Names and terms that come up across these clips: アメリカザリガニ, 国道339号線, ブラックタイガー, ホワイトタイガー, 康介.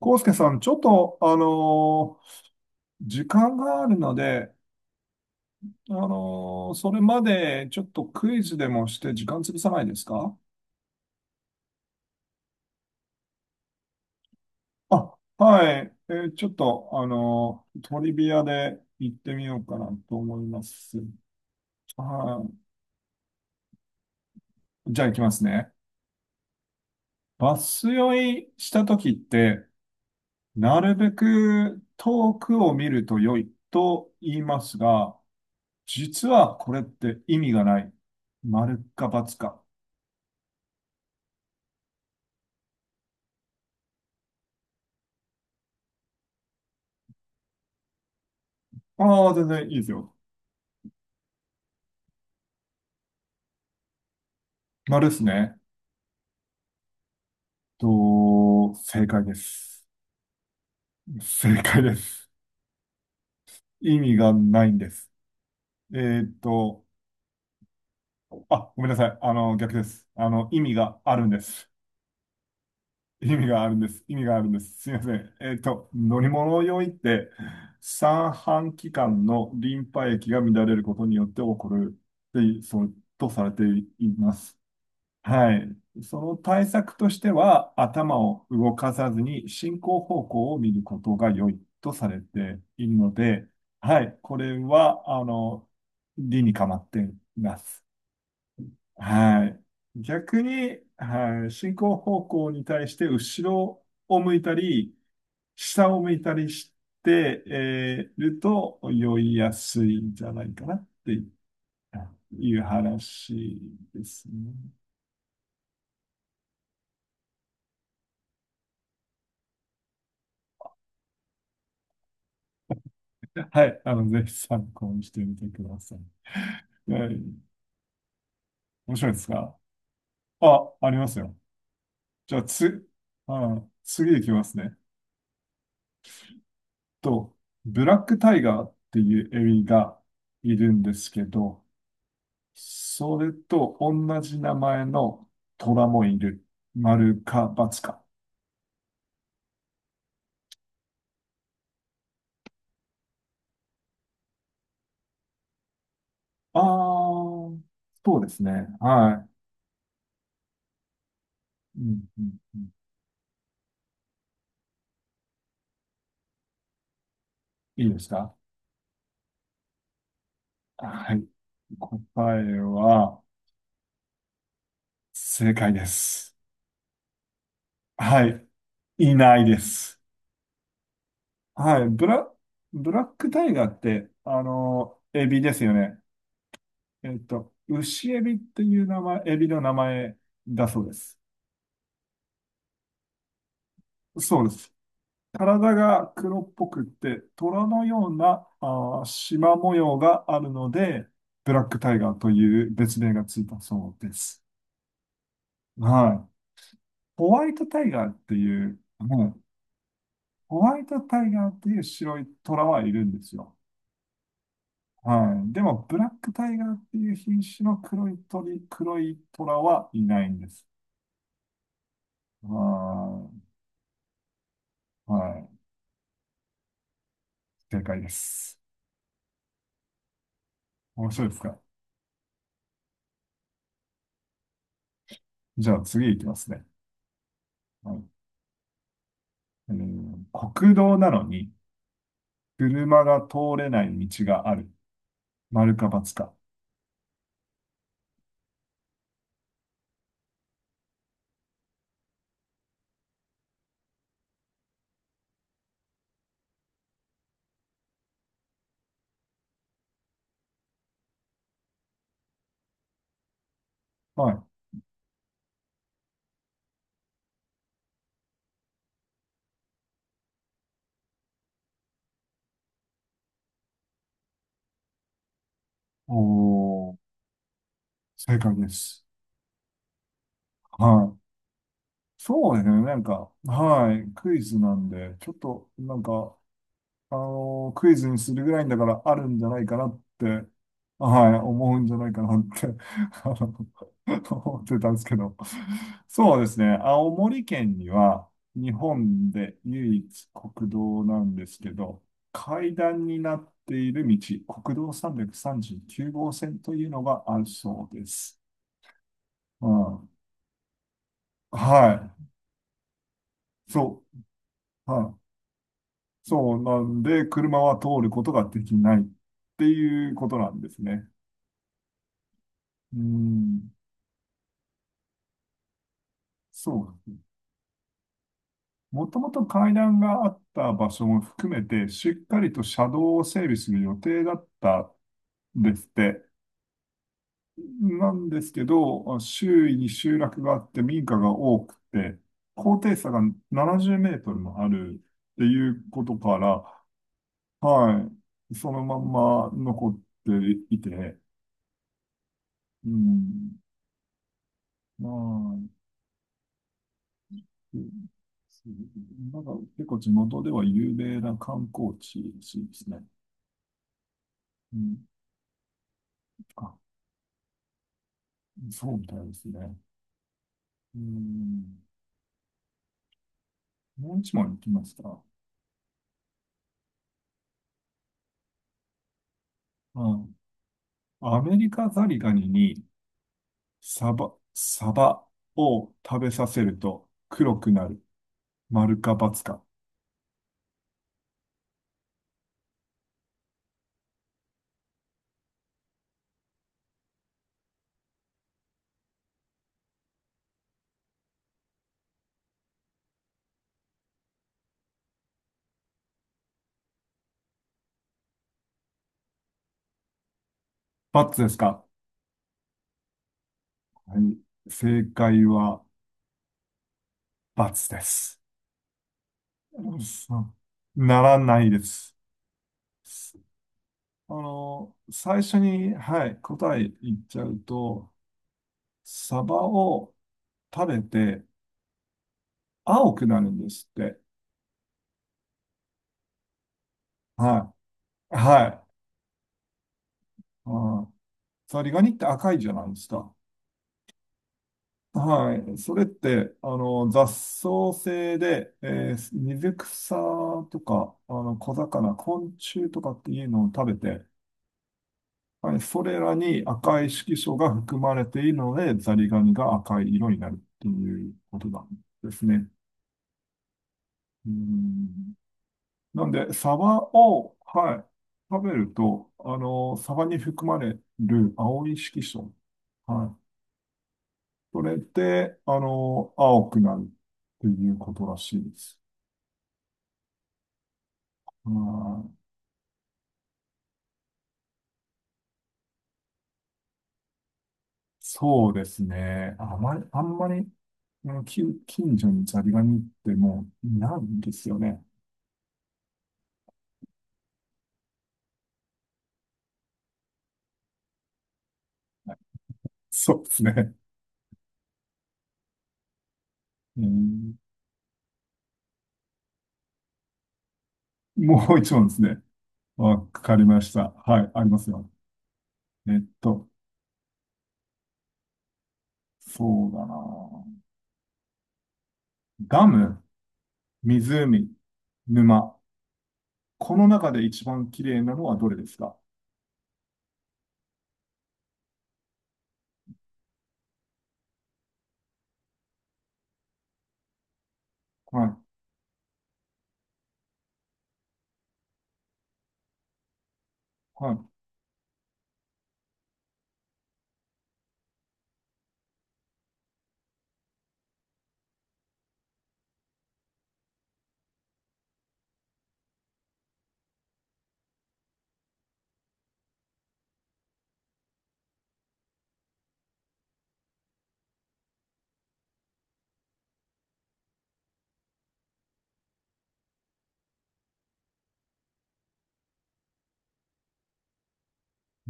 康介さん、ちょっと、時間があるので、それまでちょっとクイズでもして時間潰さないですか？あ、はい。ちょっと、トリビアで行ってみようかなと思います。はい。じゃあ行きますね。バス酔いした時って、なるべく遠くを見ると良いと言いますが、実はこれって意味がない。丸か×か。ああ、全然いいですよ。丸ですね。と、正解です。正解です。意味がないんです。えーっと、あ、ごめんなさい。あの、逆です。あの、意味があるんです。意味があるんです。すいません。乗り物用いって、三半規管のリンパ液が乱れることによって起こるって、そう、とされています。はい。その対策としては、頭を動かさずに進行方向を見ることが良いとされているので、はい。これは、あの、理にかまっています。はい。逆に、はい。進行方向に対して後ろを向いたり、下を向いたりして、えーると酔いやすいんじゃないかなっていう話ですね。はい。あの、ぜひ参考にしてみてください。はい。面白いですか？あ、ありますよ。じゃあ、つ、あ、次いきますね。と、ブラックタイガーっていうエビがいるんですけど、それと同じ名前の虎もいる。丸か×か。ああ、そうですね。はい。うんうんうん、いいですか？はい。答えは、正解です。はい。いないです。はい、ブラ、ブラックタイガーって、あの、エビですよね。えっと、牛エビっていう名前、エビの名前だそうです。そうです。体が黒っぽくって、虎のような、あー、縞模様があるので、ブラックタイガーという別名がついたそうです。はい。ホワイトタイガーっていう、うんホワイトタイガーっていう白い虎はいるんですよ。はい。でも、ブラックタイガーっていう品種の黒い鳥、黒い虎はいないんです。はい。はい。正解です。面白いですか？じゃあ次いきますね。はい。えー国道なのに車が通れない道がある。丸か×か。はい。おー、正解です。はい。そうですね。なんか、はい。クイズなんで、ちょっと、なんか、あの、クイズにするぐらいんだからあるんじゃないかなって、はい、思うんじゃないかなって あの思ってたんですけど。そうですね。青森県には日本で唯一国道なんですけど、階段になっている道、国道339号線というのがあるそうです。うん、はい。そう、はい。そうなんで、車は通ることができないっていうことなんですね。うん。そうなんです。もともと階段があった場所も含めて、しっかりと車道を整備する予定だったんですって。なんですけど、周囲に集落があって民家が多くて、高低差が70メートルもあるっていうことから、はい、そのまんま残っていて、うん、まあ、そう、なんか結構地元では有名な観光地ですね。うん、あ、そうみたいですね。うん。もう一問いきますか？うん。アメリカザリガニにサバを食べさせると黒くなる。丸か×か。×ですか？はい。正解は×です。そうならないです。あの、最初に、はい、答え言っちゃうと、サバを食べて青くなるんですって。はい。はい。あー、ザリガニって赤いじゃないですか。はい。それって、あの、雑草性で、水草とか、あの、小魚、昆虫とかっていうのを食べて、はい、それらに赤い色素が含まれているので、ザリガニが赤い色になるっていうことなんですね。うん、なんで、サバを、はい、食べると、あの、サバに含まれる青い色素、はい、それで、あの、青くなるっていうことらしいです。う、そうですね。あまり、あんまり、うん近所にザリガニってもういないんですよね。そうですね。うん、もう一問ですね。わかりました。はい、ありますよ。えっと、そうだな。ガム。湖、沼。この中で一番綺麗なのはどれですか？はい。はい。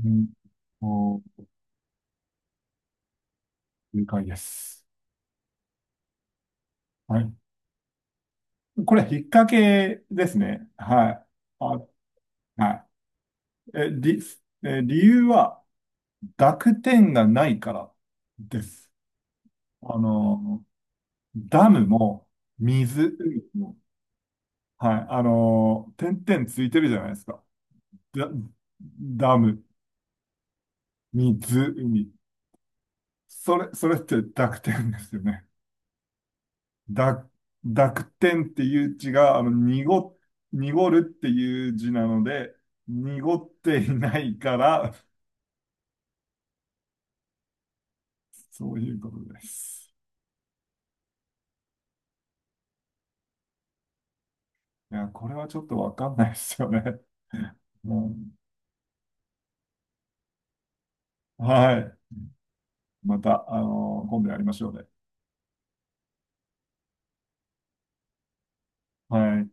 うんと、正解です。はい。これ、引っ掛けですね。はい。あ、はい。え、理由は、濁点がないからです。あの、ダムも、水も、はい。あの、点々ついてるじゃないですか。ダ、ダム、水、海。それって濁点ですよね。だ、濁点っていう字が、あの、濁るっていう字なので、濁っていないから、そういうことです。いや、これはちょっとわかんないですよね。うん、はい。また、あの今度やりましょうね。はい。